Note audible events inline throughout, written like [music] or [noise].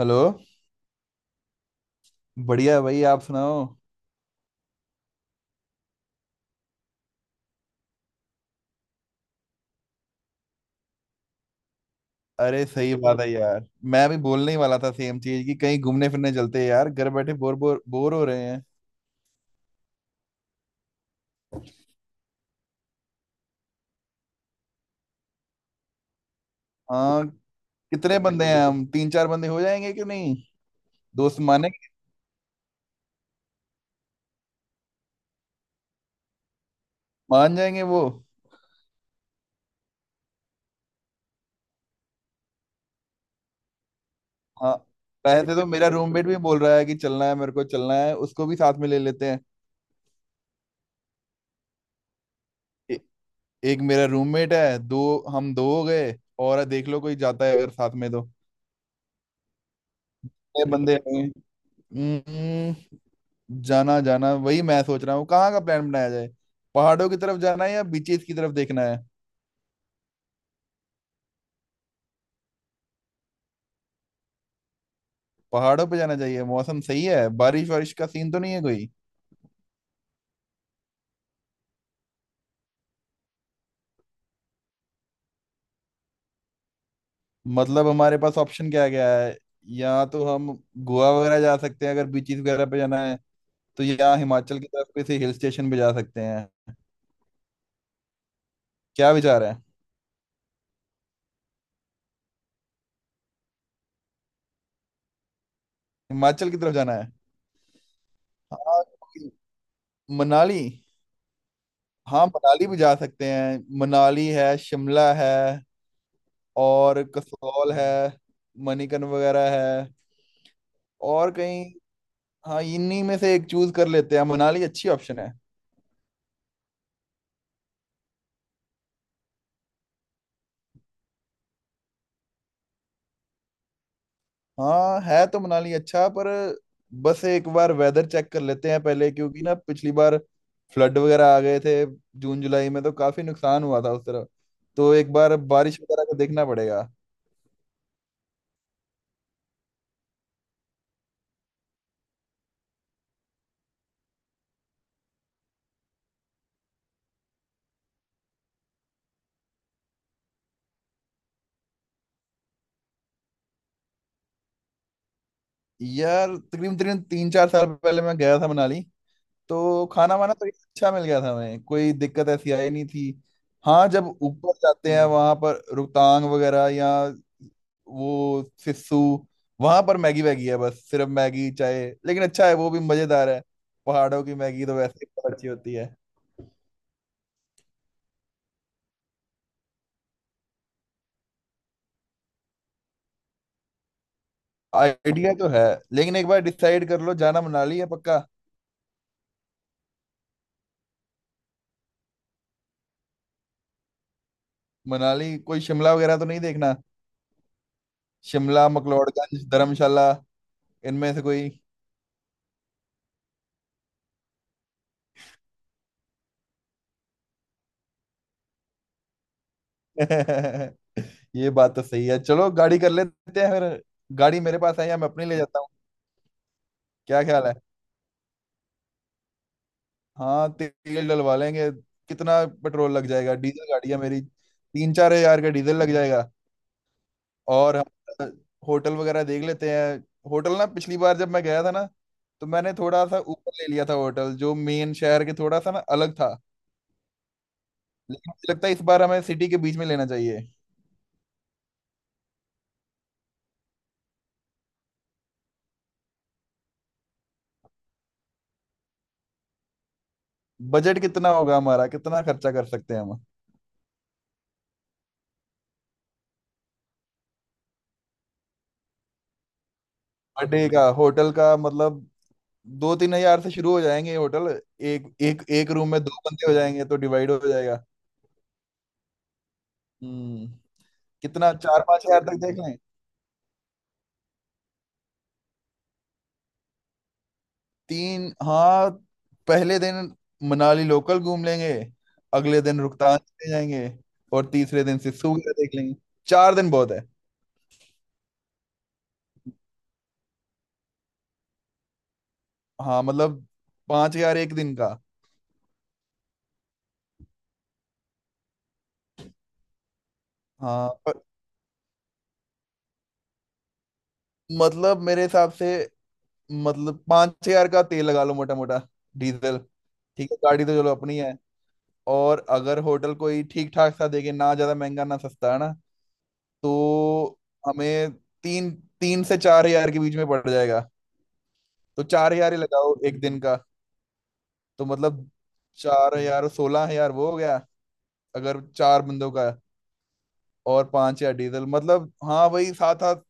Hello. बढ़िया है भाई, आप सुनाओ। अरे सही बात है यार। मैं भी बोलने ही वाला था सेम चीज, कि कहीं घूमने फिरने चलते हैं यार, घर बैठे बोर बोर बोर हो रहे हैं। हाँ, कितने बंदे हैं? हम तीन चार बंदे हो जाएंगे कि नहीं? दोस्त माने? मान जाएंगे वो? हाँ। वैसे तो मेरा रूममेट भी बोल रहा है कि चलना है, मेरे को चलना है, उसको भी साथ में ले लेते हैं। ए, एक मेरा रूममेट है, दो, हम दो हो गए। और देख लो कोई जाता है अगर साथ में तो। कितने बंदे हैं? हम्म, जाना जाना वही मैं सोच रहा हूँ, कहाँ का प्लान बनाया जाए। पहाड़ों की तरफ जाना है, या बीचेस की तरफ देखना है? पहाड़ों पे जाना चाहिए, मौसम सही है। बारिश वारिश का सीन तो नहीं है कोई? मतलब हमारे पास ऑप्शन क्या क्या है? या तो हम गोवा वगैरह जा सकते हैं अगर बीचेस वगैरह पे जाना है तो, या हिमाचल की तरफ किसी हिल स्टेशन पे जा सकते हैं। क्या विचार है? हिमाचल की तरफ जाना है। हाँ, मनाली। हाँ मनाली भी जा सकते हैं। मनाली है, शिमला है, और कसौल है, मणिकर्ण वगैरह है, और कहीं। हाँ, इन्हीं में से एक चूज कर लेते हैं, मनाली अच्छी ऑप्शन है। हाँ, है तो मनाली अच्छा, पर बस एक बार वेदर चेक कर लेते हैं पहले, क्योंकि ना पिछली बार फ्लड वगैरह आ गए थे। जून जुलाई में तो काफी नुकसान हुआ था उस तरफ, तो एक बार बारिश वगैरह का देखना पड़ेगा। यार तकरीबन तकरीबन 3-4 साल पहले मैं गया था मनाली, तो खाना वाना तो अच्छा मिल गया था, हमें कोई दिक्कत ऐसी आई नहीं थी। हाँ जब ऊपर जाते हैं वहां पर रोहतांग वगैरह, या वो सिस्सू, वहां पर मैगी वैगी है, बस सिर्फ मैगी चाय, लेकिन अच्छा है, वो भी मजेदार है। पहाड़ों की मैगी तो वैसे ही बहुत अच्छी होती है। आइडिया तो है, लेकिन एक बार डिसाइड कर लो, जाना मनाली है पक्का? मनाली कोई शिमला वगैरह तो नहीं देखना? शिमला, मैक्लोडगंज, धर्मशाला, इनमें से कोई? [laughs] ये बात तो सही है, चलो गाड़ी कर लेते हैं फिर। गाड़ी मेरे पास है, या मैं अपनी ले जाता हूँ, क्या ख्याल है? हाँ, तेल डलवा लेंगे। कितना पेट्रोल लग जाएगा, डीजल गाड़ी है मेरी, 3-4 हजार का डीजल लग जाएगा। और हम होटल वगैरह देख लेते हैं। होटल ना, पिछली बार जब मैं गया था ना, तो मैंने थोड़ा सा ऊपर ले लिया था होटल, जो मेन शहर के थोड़ा सा ना अलग था। लेकिन मुझे लगता है इस बार हमें सिटी के बीच में लेना चाहिए। बजट कितना होगा हमारा, कितना खर्चा कर सकते हैं हम? पर डे का होटल का मतलब, 2-3 हजार से शुरू हो जाएंगे ये होटल। एक एक एक रूम में दो बंदे हो जाएंगे, तो डिवाइड हो जाएगा। हम्म कितना, 4-5 हजार तक देख लें? तीन, हाँ। पहले दिन मनाली लोकल घूम लेंगे, अगले दिन रोहतांग चले जाएंगे, और तीसरे दिन सिस्सू वगैरह देख लेंगे। चार दिन बहुत है। हाँ मतलब, 5 हजार एक दिन का। हाँ पर, मतलब मेरे हिसाब से, मतलब पांच हजार का तेल लगा लो मोटा मोटा, डीजल। ठीक है, गाड़ी तो चलो अपनी है। और अगर होटल कोई ठीक ठाक सा देखे ना, ज्यादा महंगा ना सस्ता है ना, तो हमें तीन, तीन से चार हजार के बीच में पड़ जाएगा। तो 4 हजार ही लगाओ एक दिन का। तो मतलब 4 हजार, 16 हजार वो हो गया अगर चार बंदों का। और 5 हजार डीजल, मतलब हाँ वही सात आठ,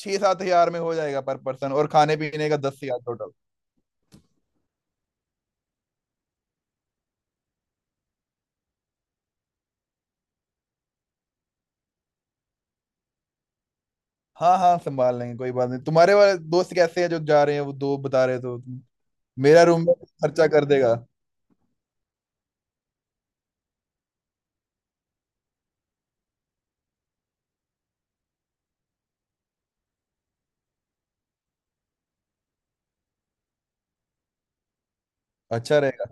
6-7 हजार में हो जाएगा पर पर्सन, और खाने पीने का 10 हजार टोटल। हाँ हाँ, संभाल लेंगे, कोई बात नहीं। तुम्हारे वाले दोस्त कैसे हैं जो जा रहे हैं, वो दो बता रहे थे तुम? मेरा रूममेट खर्चा कर देगा। अच्छा रहेगा।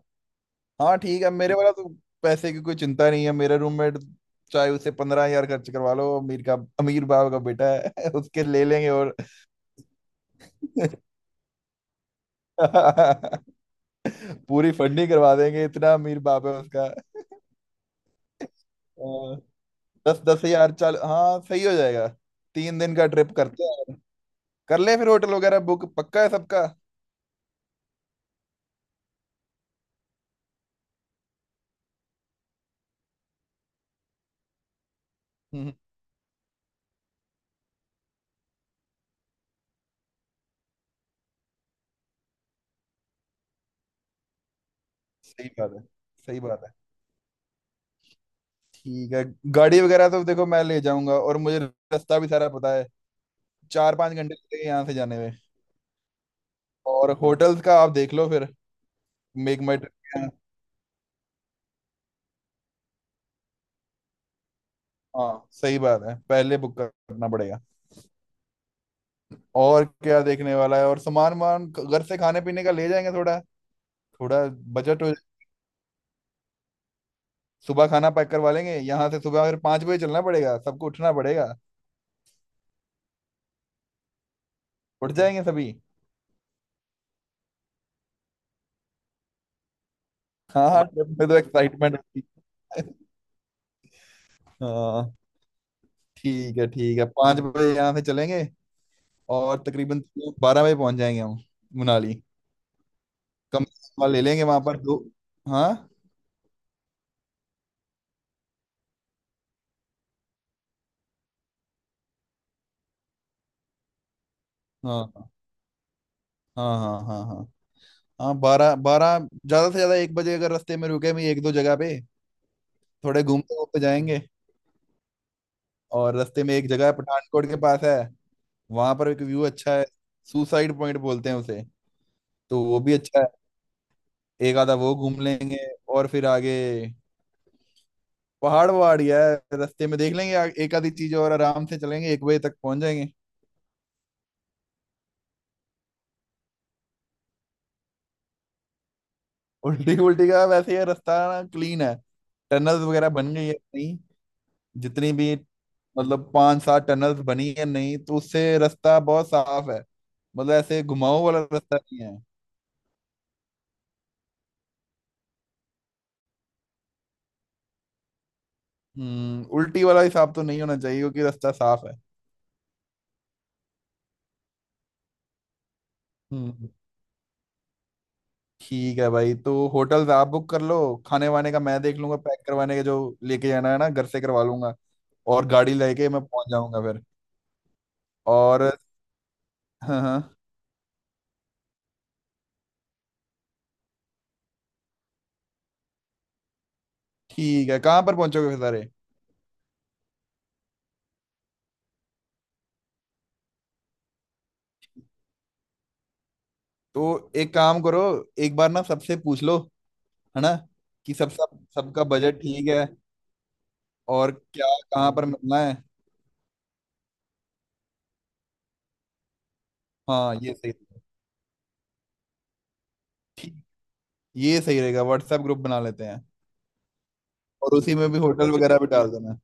हाँ ठीक है, मेरे वाला तो पैसे की कोई चिंता नहीं है, मेरा रूममेट। चाहे उसे 15 हजार खर्च करवा लो, अमीर का अमीर बाप का बेटा है। [laughs] उसके ले लेंगे। और [laughs] पूरी फंडिंग करवा देंगे, इतना अमीर बाप है उसका। अ, 10-10 हजार चल, हाँ सही हो जाएगा, 3 दिन का ट्रिप करते हैं। कर ले फिर होटल वगैरह बुक, पक्का है सबका? हम्म, हम्म, सही बात है, सही बात है। ठीक है। गाड़ी वगैरह तो देखो मैं ले जाऊंगा, और मुझे रास्ता भी सारा पता है। 4-5 घंटे लगेंगे यहाँ से जाने में। और होटल्स का आप देख लो फिर, मेक माई ट्रिप। हाँ सही बात है, पहले बुक करना पड़ेगा। और क्या देखने वाला है? और सामान वामान घर से खाने पीने का ले जाएंगे थोड़ा, थोड़ा बजट हो जाए। सुबह खाना पैक करवा लेंगे यहाँ से, सुबह फिर 5 बजे चलना पड़ेगा, सबको उठना पड़ेगा। उठ जाएंगे सभी। हाँ हाँ, ट्रिप में तो एक्साइटमेंट होती है। हाँ ठीक है ठीक है, 5 बजे यहाँ से चलेंगे, और तकरीबन 12 बजे पहुंच जाएंगे हम मनाली। कम से कम ले लेंगे वहां पर दो। हाँ हाँ हाँ हाँ, हाँ हाँ हाँ, बारह बारह, ज्यादा से ज्यादा 1 बजे, अगर रास्ते में रुके भी एक दो जगह पे, थोड़े घूमते घूमते जाएंगे। और रास्ते में एक जगह है पठानकोट के पास है, वहां पर एक व्यू अच्छा है, सुसाइड पॉइंट बोलते हैं उसे, तो वो भी अच्छा है। एक आधा वो घूम लेंगे, और फिर आगे पहाड़ वहाड़ ही है। रास्ते में देख लेंगे एक आधी चीज, और आराम से चलेंगे, 1 बजे तक पहुंच जाएंगे। [laughs] उल्टी उल्टी का वैसे ये रास्ता क्लीन है, टनल्स वगैरह बन गई है नहीं? जितनी भी, मतलब 5-7 टनल्स बनी है, नहीं तो उससे रास्ता बहुत साफ है, मतलब ऐसे घुमाऊ वाला रास्ता नहीं है। उल्टी वाला हिसाब तो नहीं होना चाहिए, क्योंकि रास्ता साफ है। हम्म ठीक है भाई, तो होटल्स आप बुक कर लो, खाने वाने का मैं देख लूंगा। पैक करवाने के जो लेके जाना है ना, घर से करवा लूंगा, और गाड़ी लेके मैं पहुंच जाऊंगा फिर। और हाँ हाँ। ठीक है, कहाँ पर पहुंचोगे फिर सारे? तो एक काम करो, एक बार ना सबसे पूछ लो, है ना, कि सब सब सबका बजट ठीक है, और क्या, कहाँ पर मिलना है। हाँ ये सही। ठीक, ये सही रहेगा, व्हाट्सएप ग्रुप बना लेते हैं। और उसी में भी होटल वगैरह भी डाल देना।